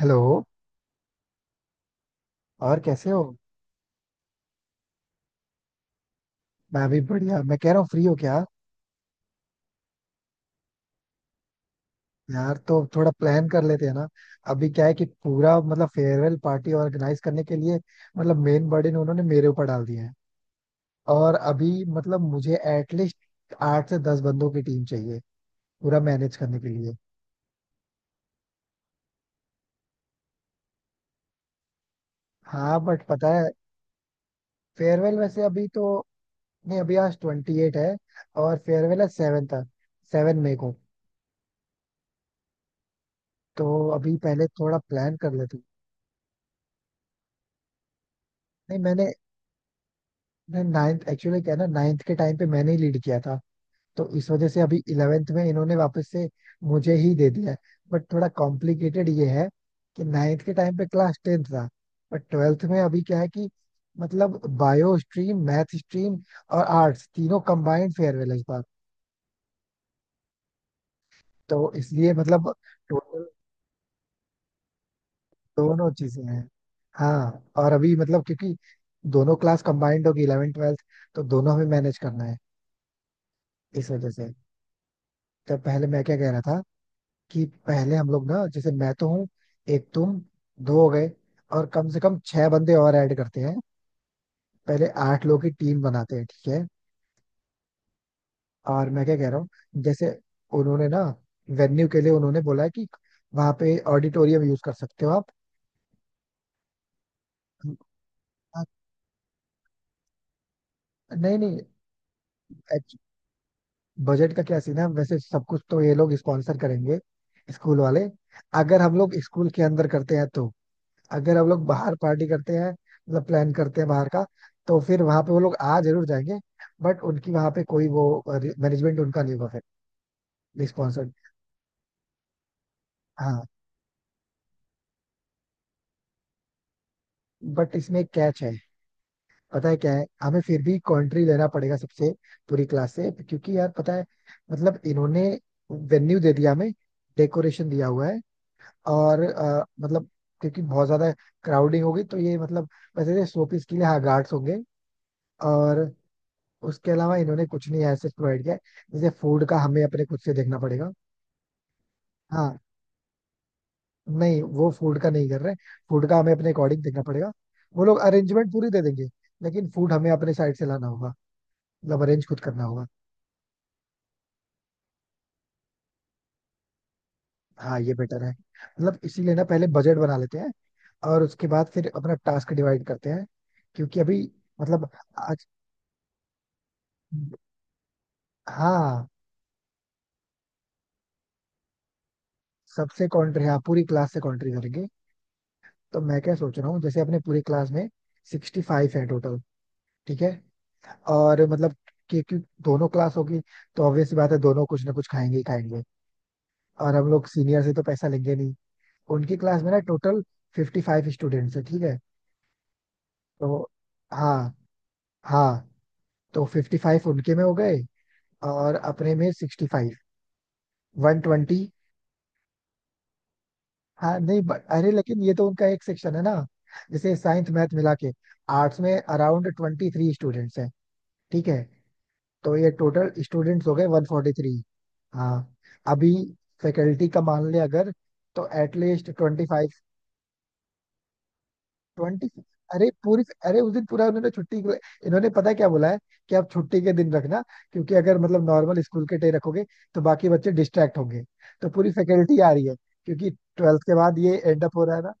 Hello. और कैसे हो? मैं भी बढ़िया। मैं कह रहा हूँ फ्री हो क्या? यार तो थोड़ा प्लान कर लेते हैं ना। अभी क्या है कि पूरा मतलब फेयरवेल पार्टी ऑर्गेनाइज करने के लिए, मतलब मेन बर्डन उन्होंने मेरे ऊपर डाल दिया है। और अभी, मतलब मुझे एटलीस्ट 8 से 10 बंदों की टीम चाहिए पूरा मैनेज करने के लिए। हाँ बट पता है, फेयरवेल वैसे अभी तो नहीं। अभी आज 28 है और फेयरवेल है 7 तक, 7 मई को। तो अभी पहले थोड़ा प्लान कर लेते हैं। नहीं, मैं 9th एक्चुअली क्या है ना, 9th के टाइम पे मैंने ही लीड किया था, तो इस वजह से अभी 11th में इन्होंने वापस से मुझे ही दे दिया है। बट थोड़ा कॉम्प्लिकेटेड ये है कि 9th के टाइम पे क्लास 10th था, बट 12th में अभी क्या है कि मतलब बायो स्ट्रीम, मैथ स्ट्रीम और आर्ट्स तीनों कंबाइंड फेयरवेल है इस बार। तो इसलिए मतलब टोटल दोनों चीजें हैं। हाँ, और अभी मतलब क्योंकि दोनों क्लास कंबाइंड होगी, 11th 12th, तो दोनों में मैनेज करना है इस वजह से। तो पहले मैं क्या कह रहा था कि पहले हम लोग ना, जैसे मैं तो हूँ, एक तुम, दो हो गए, और कम से कम 6 बंदे और ऐड करते हैं, पहले 8 लोग की टीम बनाते हैं, ठीक है। और मैं क्या कह रहा हूँ, जैसे उन्होंने ना वेन्यू के लिए उन्होंने बोला है कि वहां पे ऑडिटोरियम यूज कर सकते हो आप। आप- नहीं नहीं। बजट का क्या सीन है? वैसे सब कुछ तो ये लोग स्पॉन्सर करेंगे, स्कूल वाले। अगर हम लोग स्कूल के अंदर करते हैं तो, अगर हम लोग बाहर पार्टी करते हैं, मतलब प्लान करते हैं बाहर का, तो फिर वहां पे वो लोग आ जरूर जाएंगे, बट उनकी वहां पे कोई वो मैनेजमेंट उनका नहीं होगा फिर, रिस्पॉन्सिबल। हाँ बट इसमें एक कैच है, पता है क्या है, हमें फिर भी कंट्री लेना पड़ेगा सबसे, पूरी क्लास से, क्योंकि यार पता है मतलब इन्होंने वेन्यू दे दिया हमें, डेकोरेशन दिया हुआ है, और मतलब क्योंकि बहुत ज्यादा क्राउडिंग होगी तो ये मतलब, वैसे शोपीस के लिए हाँ गार्ड्स होंगे, और उसके अलावा इन्होंने कुछ नहीं ऐसे प्रोवाइड किया है। जैसे फूड का हमें अपने खुद से देखना पड़ेगा। हाँ, नहीं वो फूड का नहीं कर रहे, फूड का हमें अपने अकॉर्डिंग देखना पड़ेगा। वो लोग अरेंजमेंट पूरी दे देंगे, लेकिन फूड हमें अपने साइड से लाना होगा, मतलब अरेंज खुद करना होगा। हाँ ये बेटर है, मतलब इसीलिए ना पहले बजट बना लेते हैं और उसके बाद फिर अपना टास्क डिवाइड करते हैं, क्योंकि अभी मतलब आज, हाँ। सबसे कॉन्ट्री, हाँ, पूरी क्लास से कॉन्ट्री करेंगे। तो मैं क्या सोच रहा हूँ, जैसे अपने पूरी क्लास में 65 है टोटल, ठीक है। और मतलब क्योंकि दोनों क्लास होगी तो ऑब्वियस सी बात है, दोनों कुछ ना कुछ खाएंगे ही खाएंगे, और हम लोग सीनियर से तो पैसा लेंगे नहीं। उनकी क्लास में ना टोटल 55 स्टूडेंट्स है, ठीक है, तो, हाँ, हाँ, तो 55 उनके में हो गए और अपने में 65, 120। हाँ नहीं अरे, लेकिन ये तो उनका एक सेक्शन है ना, जैसे साइंस मैथ मिला के आर्ट्स में अराउंड 23 स्टूडेंट्स हैं, ठीक है। तो ये टोटल स्टूडेंट्स हो गए 143। हाँ, अभी फैकल्टी का मान ले अगर, तो एटलीस्ट 25, 20। अरे पूरी, अरे उस दिन पूरा उन्होंने इन्होंने पता है क्या बोला है कि आप छुट्टी के दिन रखना, क्योंकि अगर मतलब नॉर्मल स्कूल के डे रखोगे तो बाकी बच्चे डिस्ट्रैक्ट होंगे। तो पूरी फैकल्टी आ रही है, क्योंकि 12th के बाद ये एंड अप हो रहा है ना,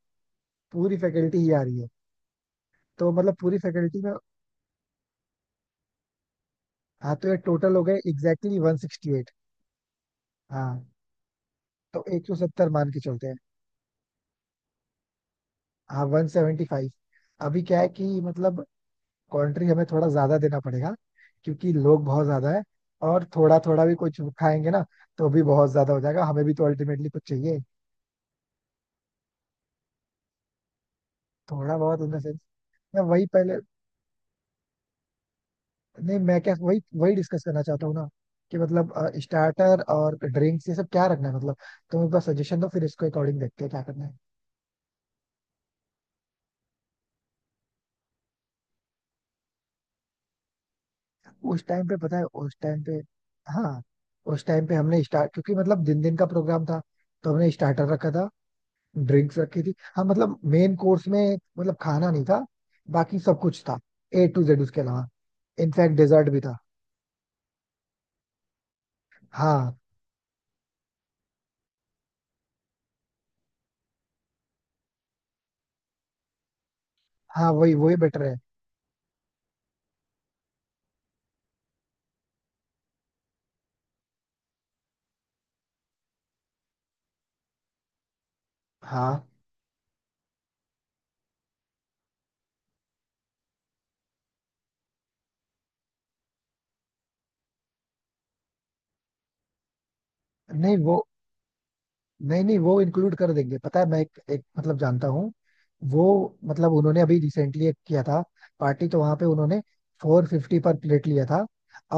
पूरी फैकल्टी ही आ रही है। तो मतलब पूरी फैकल्टी में, हाँ, तो ये टोटल हो गए एग्जैक्टली 168। हाँ, तो 170 मान के चलते हैं। हाँ, 175। अभी क्या है कि मतलब कंट्री हमें थोड़ा ज्यादा देना पड़ेगा क्योंकि लोग बहुत ज्यादा है, और थोड़ा थोड़ा भी कुछ खाएंगे ना तो भी बहुत ज्यादा हो जाएगा, हमें भी तो अल्टीमेटली कुछ चाहिए। थोड़ा बहुत इन द सेंस, मैं वही पहले, नहीं मैं क्या वही वही डिस्कस करना चाहता हूँ ना, कि मतलब स्टार्टर और ड्रिंक्स ये सब क्या रखना है मतलब, तुम एक बार सजेशन दो फिर इसको अकॉर्डिंग देखते हैं क्या करना है। उस टाइम पे पता है उस टाइम पे, हाँ, उस टाइम पे हमने स्टार्ट क्योंकि मतलब दिन दिन का प्रोग्राम था, तो हमने स्टार्टर रखा था, ड्रिंक्स रखी थी, हाँ मतलब मेन कोर्स में, मतलब खाना नहीं था, बाकी सब कुछ था, ए टू जेड। उसके अलावा इनफैक्ट डेजर्ट भी था। हाँ, हाँ, वही वही बेटर है। हाँ, नहीं वो, नहीं नहीं वो इंक्लूड कर देंगे, पता है, मैं एक मतलब जानता हूँ वो। मतलब उन्होंने अभी रिसेंटली एक किया था पार्टी, तो वहां पे उन्होंने 450 पर प्लेट लिया था,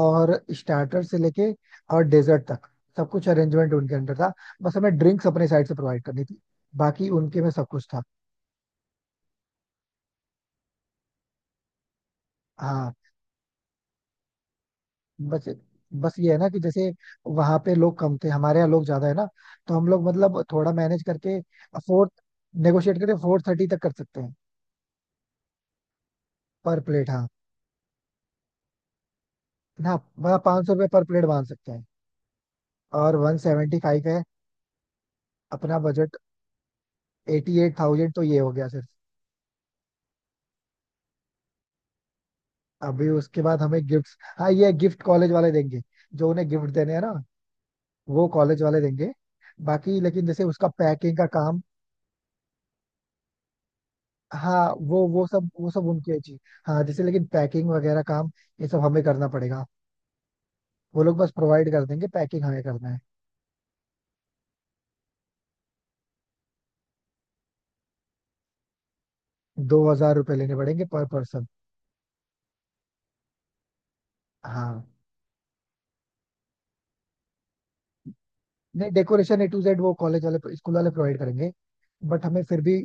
और स्टार्टर से लेके और डेजर्ट तक सब कुछ अरेंजमेंट उनके अंडर था। बस हमें ड्रिंक्स अपने साइड से प्रोवाइड करनी थी, बाकी उनके में सब कुछ था। हाँ बस बस ये है ना कि जैसे वहां पे लोग कम थे, हमारे यहाँ लोग ज्यादा है ना, तो हम लोग मतलब थोड़ा मैनेज करके, फोर नेगोशिएट करके 430 तक कर सकते हैं पर प्लेट। हाँ ना, मतलब ₹500 पर प्लेट बांध सकते हैं। और 175 है अपना बजट, 88,000 तो ये हो गया सिर्फ। अभी उसके बाद हमें गिफ्ट, हाँ ये गिफ्ट कॉलेज वाले देंगे, जो उन्हें गिफ्ट देने हैं ना, वो कॉलेज वाले देंगे। बाकी लेकिन जैसे उसका पैकिंग का काम, हाँ वो सब वो सब उनकी है चीज। हाँ, जैसे लेकिन पैकिंग वगैरह काम, ये सब हमें करना पड़ेगा, वो लोग बस प्रोवाइड कर देंगे, पैकिंग हमें करना है। ₹2,000 लेने पड़ेंगे पर पर्सन। हाँ, नहीं डेकोरेशन ए टू जेड वो कॉलेज वाले स्कूल वाले प्रोवाइड करेंगे। बट हमें फिर भी,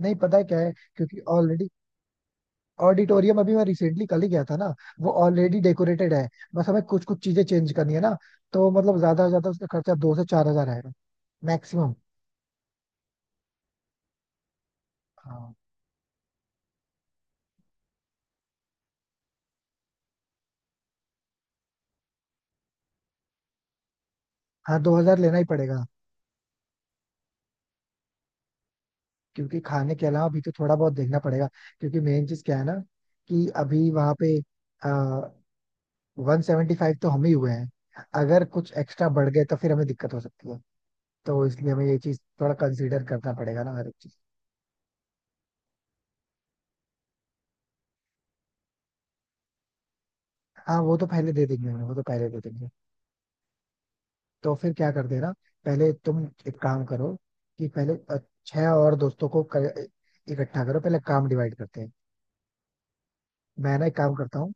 नहीं पता है क्या है, क्योंकि ऑलरेडी ऑडिटोरियम, अभी मैं रिसेंटली कल ही गया था ना, वो ऑलरेडी डेकोरेटेड है, बस हमें कुछ कुछ चीजें चेंज करनी है ना, तो मतलब ज्यादा से ज्यादा उसका खर्चा 2 से 4 हजार आएगा, मैक्सिमम। हाँ, हाँ, 2,000 लेना ही पड़ेगा, क्योंकि खाने के अलावा भी तो थोड़ा बहुत देखना पड़ेगा, क्योंकि मेन चीज क्या है ना, कि अभी वहां पे 175 तो हम ही हुए हैं, अगर कुछ एक्स्ट्रा बढ़ गए तो फिर हमें दिक्कत हो सकती है, तो इसलिए हमें ये चीज थोड़ा कंसीडर करना पड़ेगा ना, हर एक चीज। हाँ, वो तो पहले दे देंगे हमें, वो तो पहले दे देंगे। तो फिर क्या करते हैं ना, पहले तुम एक काम करो, कि पहले 6 और दोस्तों को इकट्ठा करो, पहले काम डिवाइड करते हैं। मैं ना एक काम करता हूँ।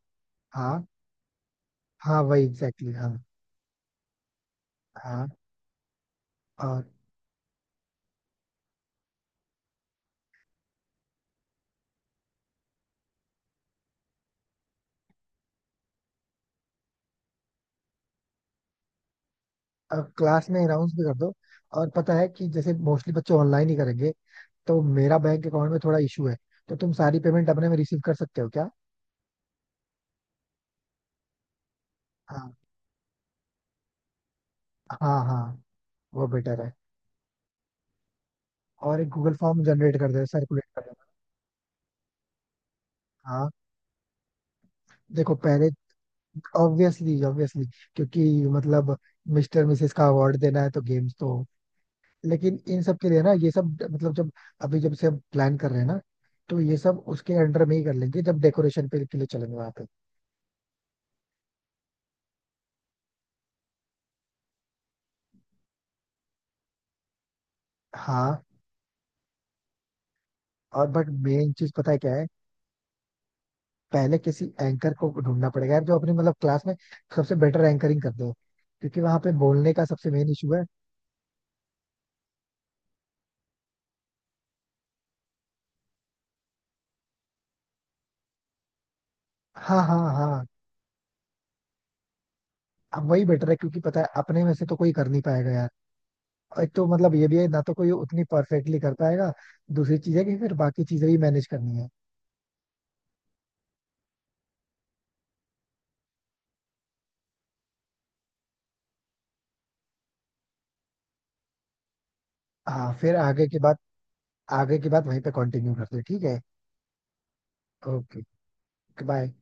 हाँ, हाँ, वही एग्जैक्टली exactly, हाँ हाँ। अब क्लास में राउंड भी कर दो, और पता है कि जैसे मोस्टली बच्चे ऑनलाइन ही करेंगे, तो मेरा बैंक अकाउंट में थोड़ा इशू है, तो तुम सारी पेमेंट अपने में रिसीव कर सकते हो क्या? हाँ, हाँ हाँ, वो बेटर है। और एक गूगल फॉर्म जनरेट कर देना, सर्कुलेट कर देना। हाँ, देखो पहले, ऑब्वियसली ऑब्वियसली, क्योंकि मतलब मिस्टर मिसेस का अवार्ड देना है, तो गेम्स तो हो। लेकिन इन सब के लिए ना ये सब मतलब जब, अभी जब से हम प्लान कर रहे हैं ना, तो ये सब उसके अंडर में ही कर लेंगे जब डेकोरेशन पे के लिए चलेंगे वहां पे। हाँ, और बट मेन चीज पता है क्या है, पहले किसी एंकर को ढूंढना पड़ेगा यार, जो अपनी मतलब क्लास में सबसे बेटर एंकरिंग कर दे, क्योंकि वहां पे बोलने का सबसे मेन इशू है। हाँ, हाँ, हाँ, अब वही बेटर है, क्योंकि पता है अपने में से तो कोई कर नहीं पाएगा यार, और एक तो मतलब ये भी है ना तो कोई उतनी परफेक्टली कर पाएगा, दूसरी चीज है कि फिर बाकी चीजें भी मैनेज करनी है। हाँ, फिर आगे की बात, आगे की बात वहीं पे कंटिन्यू करते हैं, ठीक है। Okay, bye.